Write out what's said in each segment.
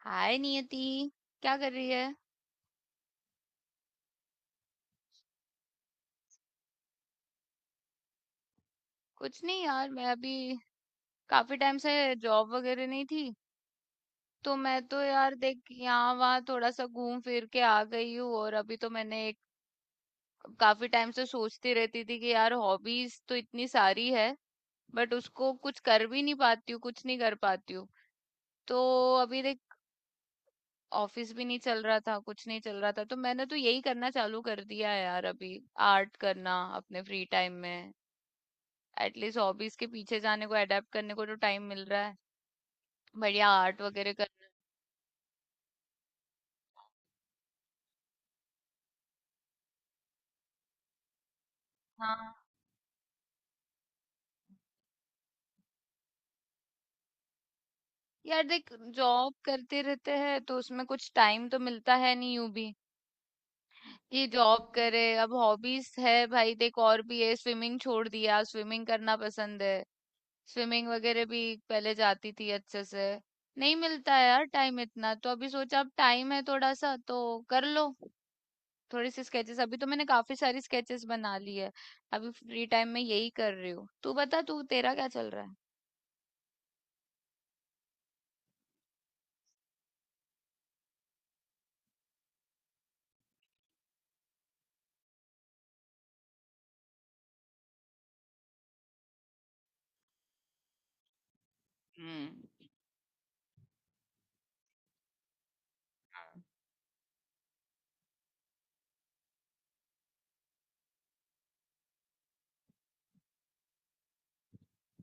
हाय नियति, क्या कर रही है। कुछ नहीं यार, मैं अभी काफी टाइम से जॉब वगैरह नहीं थी, तो मैं तो यार देख यहाँ वहाँ थोड़ा सा घूम फिर के आ गई हूँ। और अभी तो मैंने एक काफी टाइम से सोचती रहती थी कि यार हॉबीज तो इतनी सारी है, बट उसको कुछ कर भी नहीं पाती हूँ, कुछ नहीं कर पाती हूँ। तो अभी देख ऑफिस भी नहीं चल रहा था, कुछ नहीं चल रहा था, तो मैंने तो यही करना चालू कर दिया है यार अभी, आर्ट करना अपने फ्री टाइम में। एटलीस्ट हॉबीज के पीछे जाने को, अडेप्ट करने को तो टाइम मिल रहा है। बढ़िया आर्ट वगैरह करना। हाँ यार, देख जॉब करते रहते हैं तो उसमें कुछ टाइम तो मिलता है नहीं यूं भी कि जॉब करे। अब हॉबीज है भाई, देख और भी है, स्विमिंग छोड़ दिया, स्विमिंग करना पसंद है। स्विमिंग वगैरह भी पहले जाती थी अच्छे से। नहीं मिलता है यार टाइम इतना, तो अभी सोचा अब टाइम है थोड़ा सा तो कर लो थोड़ी सी स्केचेस। अभी तो मैंने काफी सारी स्केचेस बना ली है। अभी फ्री टाइम में यही कर रही हूँ। तू बता, तू तेरा क्या चल रहा है। हम्म।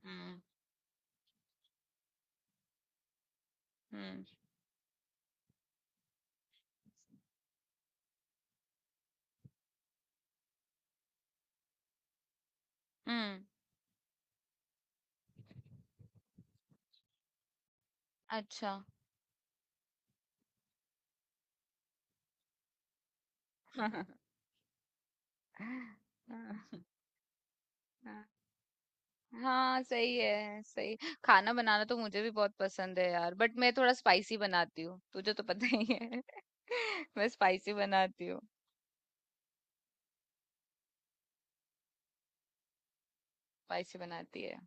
हम्म। हम्म। हम्म। अच्छा। हम्म। हाँ सही है, सही। खाना बनाना तो मुझे भी बहुत पसंद है यार, बट मैं थोड़ा स्पाइसी बनाती हूँ, तुझे तो पता ही है। मैं स्पाइसी बनाती हूँ। स्पाइसी बनाती है।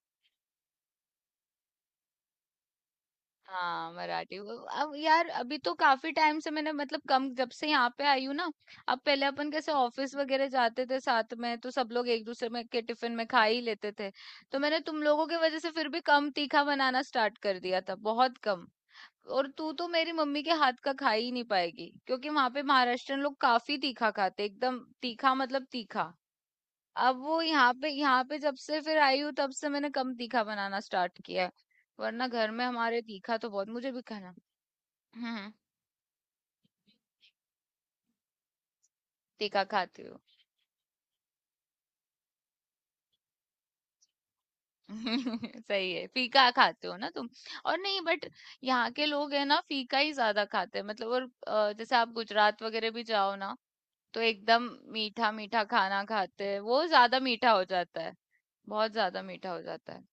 हाँ मराठी वो, अब यार अभी तो काफी टाइम से मैंने, मतलब कम, जब से यहाँ पे आई हूँ ना। अब पहले अपन कैसे ऑफिस वगैरह जाते थे साथ में, तो सब लोग एक दूसरे में के टिफिन में खा ही लेते थे। तो मैंने तुम लोगों की वजह से फिर भी कम तीखा बनाना स्टार्ट कर दिया था, बहुत कम। और तू तो मेरी मम्मी के हाथ का खा ही नहीं पाएगी, क्योंकि वहां पे महाराष्ट्रन लोग काफी तीखा खाते, एकदम तीखा, मतलब तीखा। अब वो यहाँ पे जब से फिर आई हूँ, तब से मैंने कम तीखा बनाना स्टार्ट किया है। वरना घर में हमारे तीखा तो बहुत मुझे भी खाना। हम्म हम्म, तीखा खाती हो। सही है, फीका खाते हो ना तुम। और नहीं बट यहाँ के लोग है ना, फीका ही ज्यादा खाते हैं मतलब। और जैसे आप गुजरात वगैरह भी जाओ ना, तो एकदम मीठा मीठा खाना खाते हैं, वो ज्यादा मीठा हो जाता है। बहुत ज्यादा मीठा हो जाता है।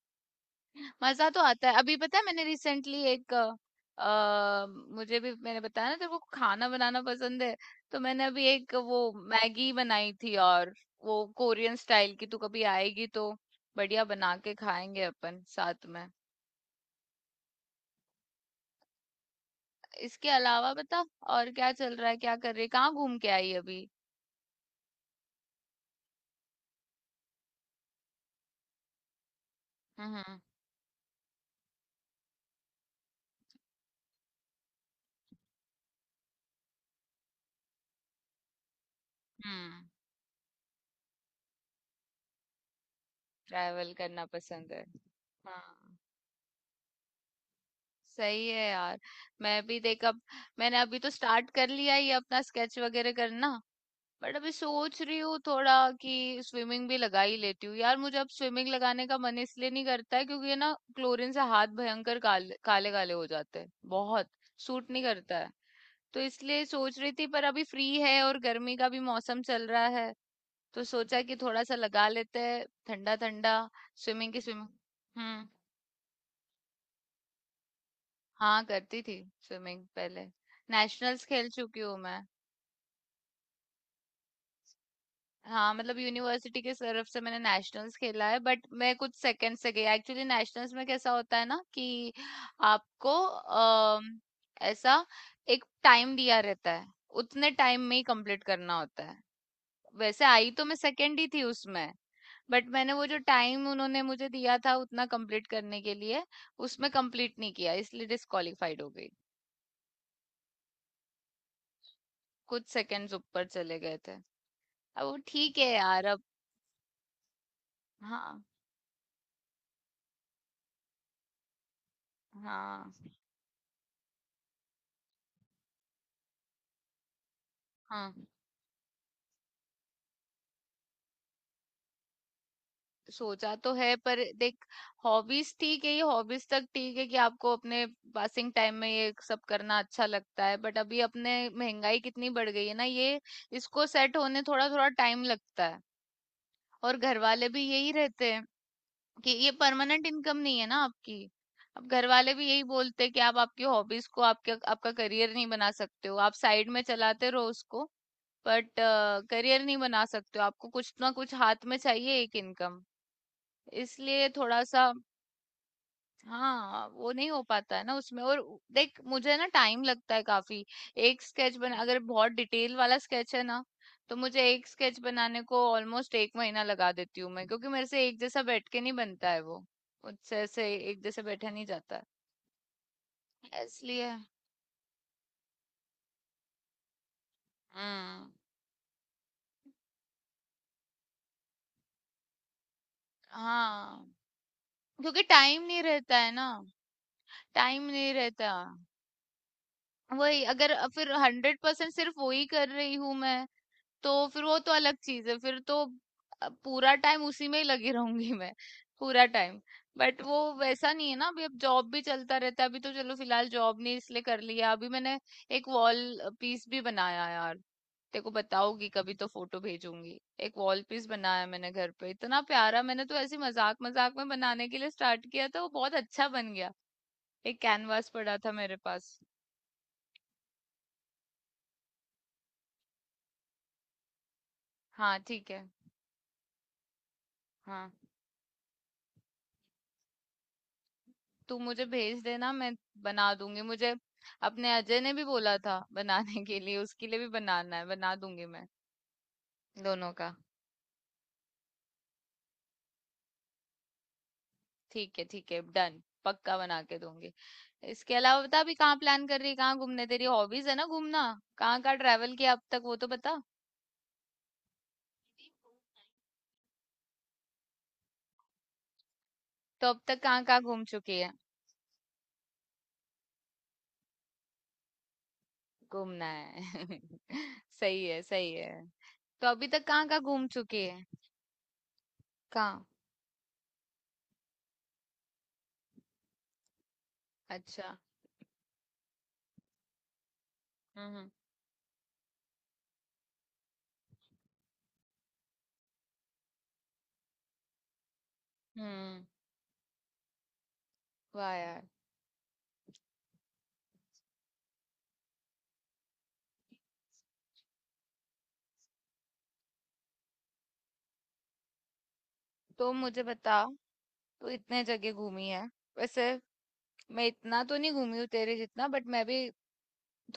मज़ा तो आता है। अभी पता है मैंने रिसेंटली एक अ, मुझे भी, मैंने बताया ना तेरे को खाना बनाना पसंद है, तो मैंने अभी एक वो मैगी बनाई थी, और वो कोरियन स्टाइल की। तू कभी आएगी तो बढ़िया बना के खाएंगे अपन साथ में। इसके अलावा बता, और क्या चल रहा है, क्या कर रही है, कहाँ घूम के आई अभी? हम्म। हम्म। ट्रैवल करना पसंद है। हाँ सही है यार। मैं भी देख, अब मैंने अभी तो स्टार्ट कर लिया ये अपना स्केच वगैरह करना, बट अभी सोच रही हूँ थोड़ा कि स्विमिंग भी लगा ही लेती हूँ यार। मुझे अब स्विमिंग लगाने का मन इसलिए नहीं करता है, क्योंकि ये ना क्लोरीन से हाथ भयंकर काले काले काले हो जाते हैं। बहुत सूट नहीं करता है, तो इसलिए सोच रही थी। पर अभी फ्री है और गर्मी का भी मौसम चल रहा है, तो सोचा कि थोड़ा सा लगा लेते हैं, ठंडा ठंडा स्विमिंग। हम्म। हाँ करती थी, स्विमिंग पहले नेशनल्स खेल चुकी हूँ मैं। हाँ मतलब यूनिवर्सिटी के तरफ से मैंने नेशनल्स खेला है। बट मैं कुछ सेकंड से गई, एक्चुअली नेशनल्स में कैसा होता है ना कि आपको ऐसा एक टाइम दिया रहता है, उतने टाइम में ही कंप्लीट करना होता है। वैसे आई तो मैं सेकंड ही थी उसमें, बट मैंने वो जो टाइम उन्होंने मुझे दिया था उतना कंप्लीट करने के लिए, उसमें कंप्लीट नहीं किया, इसलिए डिस्क्वालिफाइड हो गई। कुछ सेकंड्स ऊपर चले गए थे। अब वो ठीक है यार अब। हाँ। हाँ। हाँ सोचा तो है पर देख, हॉबीज ठीक है, ये हॉबीज तक ठीक है कि आपको अपने पासिंग टाइम में ये सब करना अच्छा लगता है, बट अभी अपने महंगाई कितनी बढ़ गई है ना, ये इसको सेट होने थोड़ा थोड़ा टाइम लगता है। और घर वाले भी यही रहते हैं कि ये परमानेंट इनकम नहीं है ना आपकी। अब घर वाले भी यही बोलते हैं कि आप आपकी हॉबीज को आपके आपका करियर नहीं बना सकते हो, आप साइड में चलाते रहो उसको। बट करियर नहीं बना सकते हो, आपको कुछ ना कुछ हाथ में चाहिए एक इनकम। इसलिए थोड़ा सा, हाँ वो नहीं हो पाता है ना उसमें। और देख मुझे ना टाइम लगता है काफी। एक स्केच बना, अगर बहुत डिटेल वाला स्केच है ना, तो मुझे एक स्केच बनाने को ऑलमोस्ट एक महीना लगा देती हूँ मैं, क्योंकि मेरे से एक जैसा बैठ के नहीं बनता है वो, मुझसे ऐसे एक जैसे बैठा नहीं जाता है। इसलिए हम्म। हाँ क्योंकि टाइम नहीं रहता है ना। टाइम नहीं रहता। वही अगर फिर 100% सिर्फ वही कर रही हूँ मैं, तो फिर वो तो अलग चीज है फिर तो। पूरा टाइम उसी में ही लगी रहूंगी मैं, पूरा टाइम। बट वो वैसा नहीं है ना अभी, अब जॉब भी चलता रहता है। अभी तो चलो फिलहाल जॉब नहीं, इसलिए कर लिया अभी मैंने। एक वॉल पीस भी बनाया यार, तेरे को बताऊंगी कभी, तो फोटो भेजूंगी। एक वॉल पीस बनाया मैंने घर पे, इतना प्यारा। मैंने तो ऐसे मजाक मजाक में बनाने के लिए स्टार्ट किया था, वो बहुत अच्छा बन गया। एक कैनवास पड़ा था मेरे पास। हाँ ठीक है। हाँ। तू मुझे भेज देना, मैं बना दूंगी। मुझे अपने अजय ने भी बोला था बनाने के लिए, उसके लिए भी बनाना है, बना दूंगी मैं दोनों का। ठीक है ठीक है, डन, पक्का बना के दूंगी। इसके अलावा बता, अभी कहाँ प्लान कर रही है, कहाँ घूमने, तेरी हॉबीज है ना घूमना। कहाँ कहाँ ट्रैवल किया अब तक, वो तो बता। तो अब तक कहाँ कहाँ घूम चुकी है। घूमना है। सही है, सही है। तो अभी तक कहाँ कहाँ घूम चुकी है। कहाँ। अच्छा। हम्म। हम्म। वाह यार। तो मुझे बता, तू इतने जगह घूमी है वैसे, मैं इतना तो नहीं घूमी हूँ तेरे जितना, बट मैं भी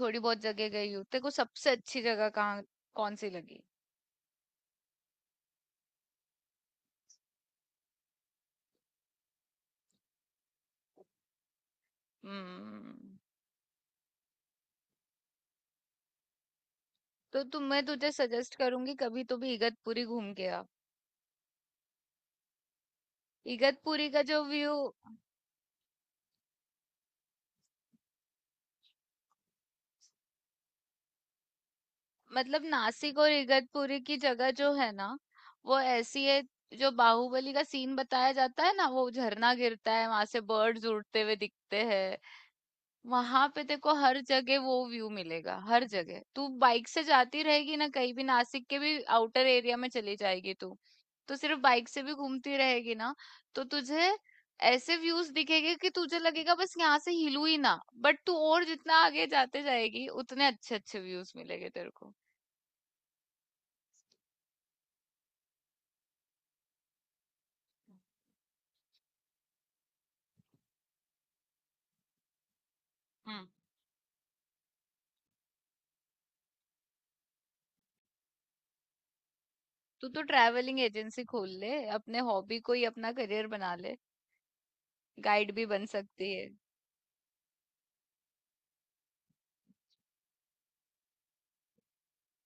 थोड़ी बहुत जगह गई हूँ। तेरे को सबसे अच्छी जगह कहाँ, कौन सी लगी। हम्म। तो तुम मैं तुझे सजेस्ट करूंगी, कभी तो भी इगतपुरी घूम के आ। इगतपुरी का जो व्यू, मतलब नासिक और इगतपुरी की जगह जो है ना, वो ऐसी है, जो बाहुबली का सीन बताया जाता है ना, वो झरना गिरता है, वहां से बर्ड्स उड़ते हुए दिखते हैं, वहां पे। देखो हर जगह वो व्यू मिलेगा, हर जगह तू बाइक से जाती रहेगी ना कहीं भी, नासिक के भी आउटर एरिया में चली जाएगी तू, तो सिर्फ बाइक से भी घूमती रहेगी ना, तो तुझे ऐसे व्यूज दिखेंगे कि तुझे लगेगा बस यहाँ से हिलू ही ना। बट तू और जितना आगे जाते जाएगी, उतने अच्छे अच्छे व्यूज मिलेंगे तेरे को। हम्म। तू तो ट्रैवलिंग एजेंसी खोल ले, अपने हॉबी को ही अपना करियर बना ले, गाइड भी बन सकती है।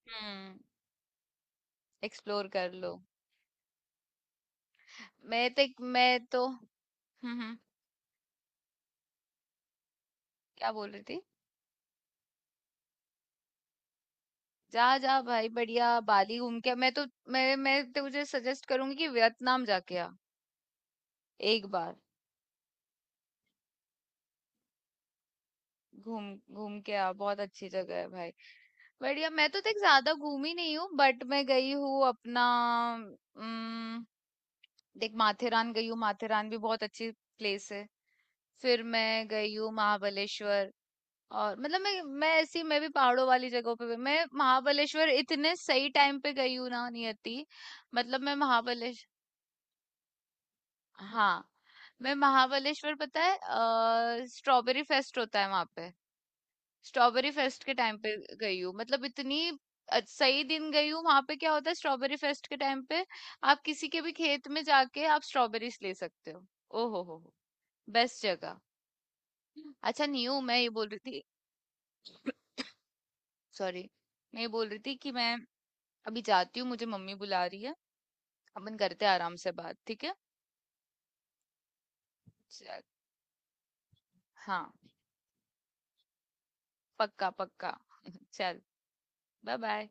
हम्म। एक्सप्लोर कर लो। मैं तो हम्म हम्म, क्या बोल रही थी। जा जा भाई, बढ़िया बाली घूम के। मैं मैं तुझे सजेस्ट करूंगी कि वियतनाम जाके आ, एक बार घूम घूम के आ, बहुत अच्छी जगह है भाई। बढ़िया, मैं तो देख ज्यादा घूमी नहीं हूँ, बट मैं गई हूँ अपना, उम, देख माथेरान गई हूँ, माथेरान भी बहुत अच्छी प्लेस है। फिर मैं गई हूँ महाबलेश्वर, और मतलब मैं ऐसी, मैं भी पहाड़ों वाली जगहों पे मैं महाबलेश्वर इतने सही टाइम पे गई हूँ ना नियति, मतलब मैं महाबलेश्वर, हाँ, मैं महाबलेश्वर, पता है स्ट्रॉबेरी फेस्ट होता है वहां पे, स्ट्रॉबेरी फेस्ट के टाइम पे गई हूँ, मतलब इतनी सही दिन गई हूँ वहां पे। क्या होता है स्ट्रॉबेरी फेस्ट के टाइम पे, आप किसी के भी खेत में जाके आप स्ट्रॉबेरीज ले सकते हो। ओ हो, बेस्ट जगह। अच्छा न्यू, मैं ये बोल रही थी, सॉरी, मैं ये बोल रही थी कि मैं अभी जाती हूँ, मुझे मम्मी बुला रही है। अपन करते हैं आराम से बात, ठीक है, चल। हाँ, पक्का पक्का। चल, बाय बाय।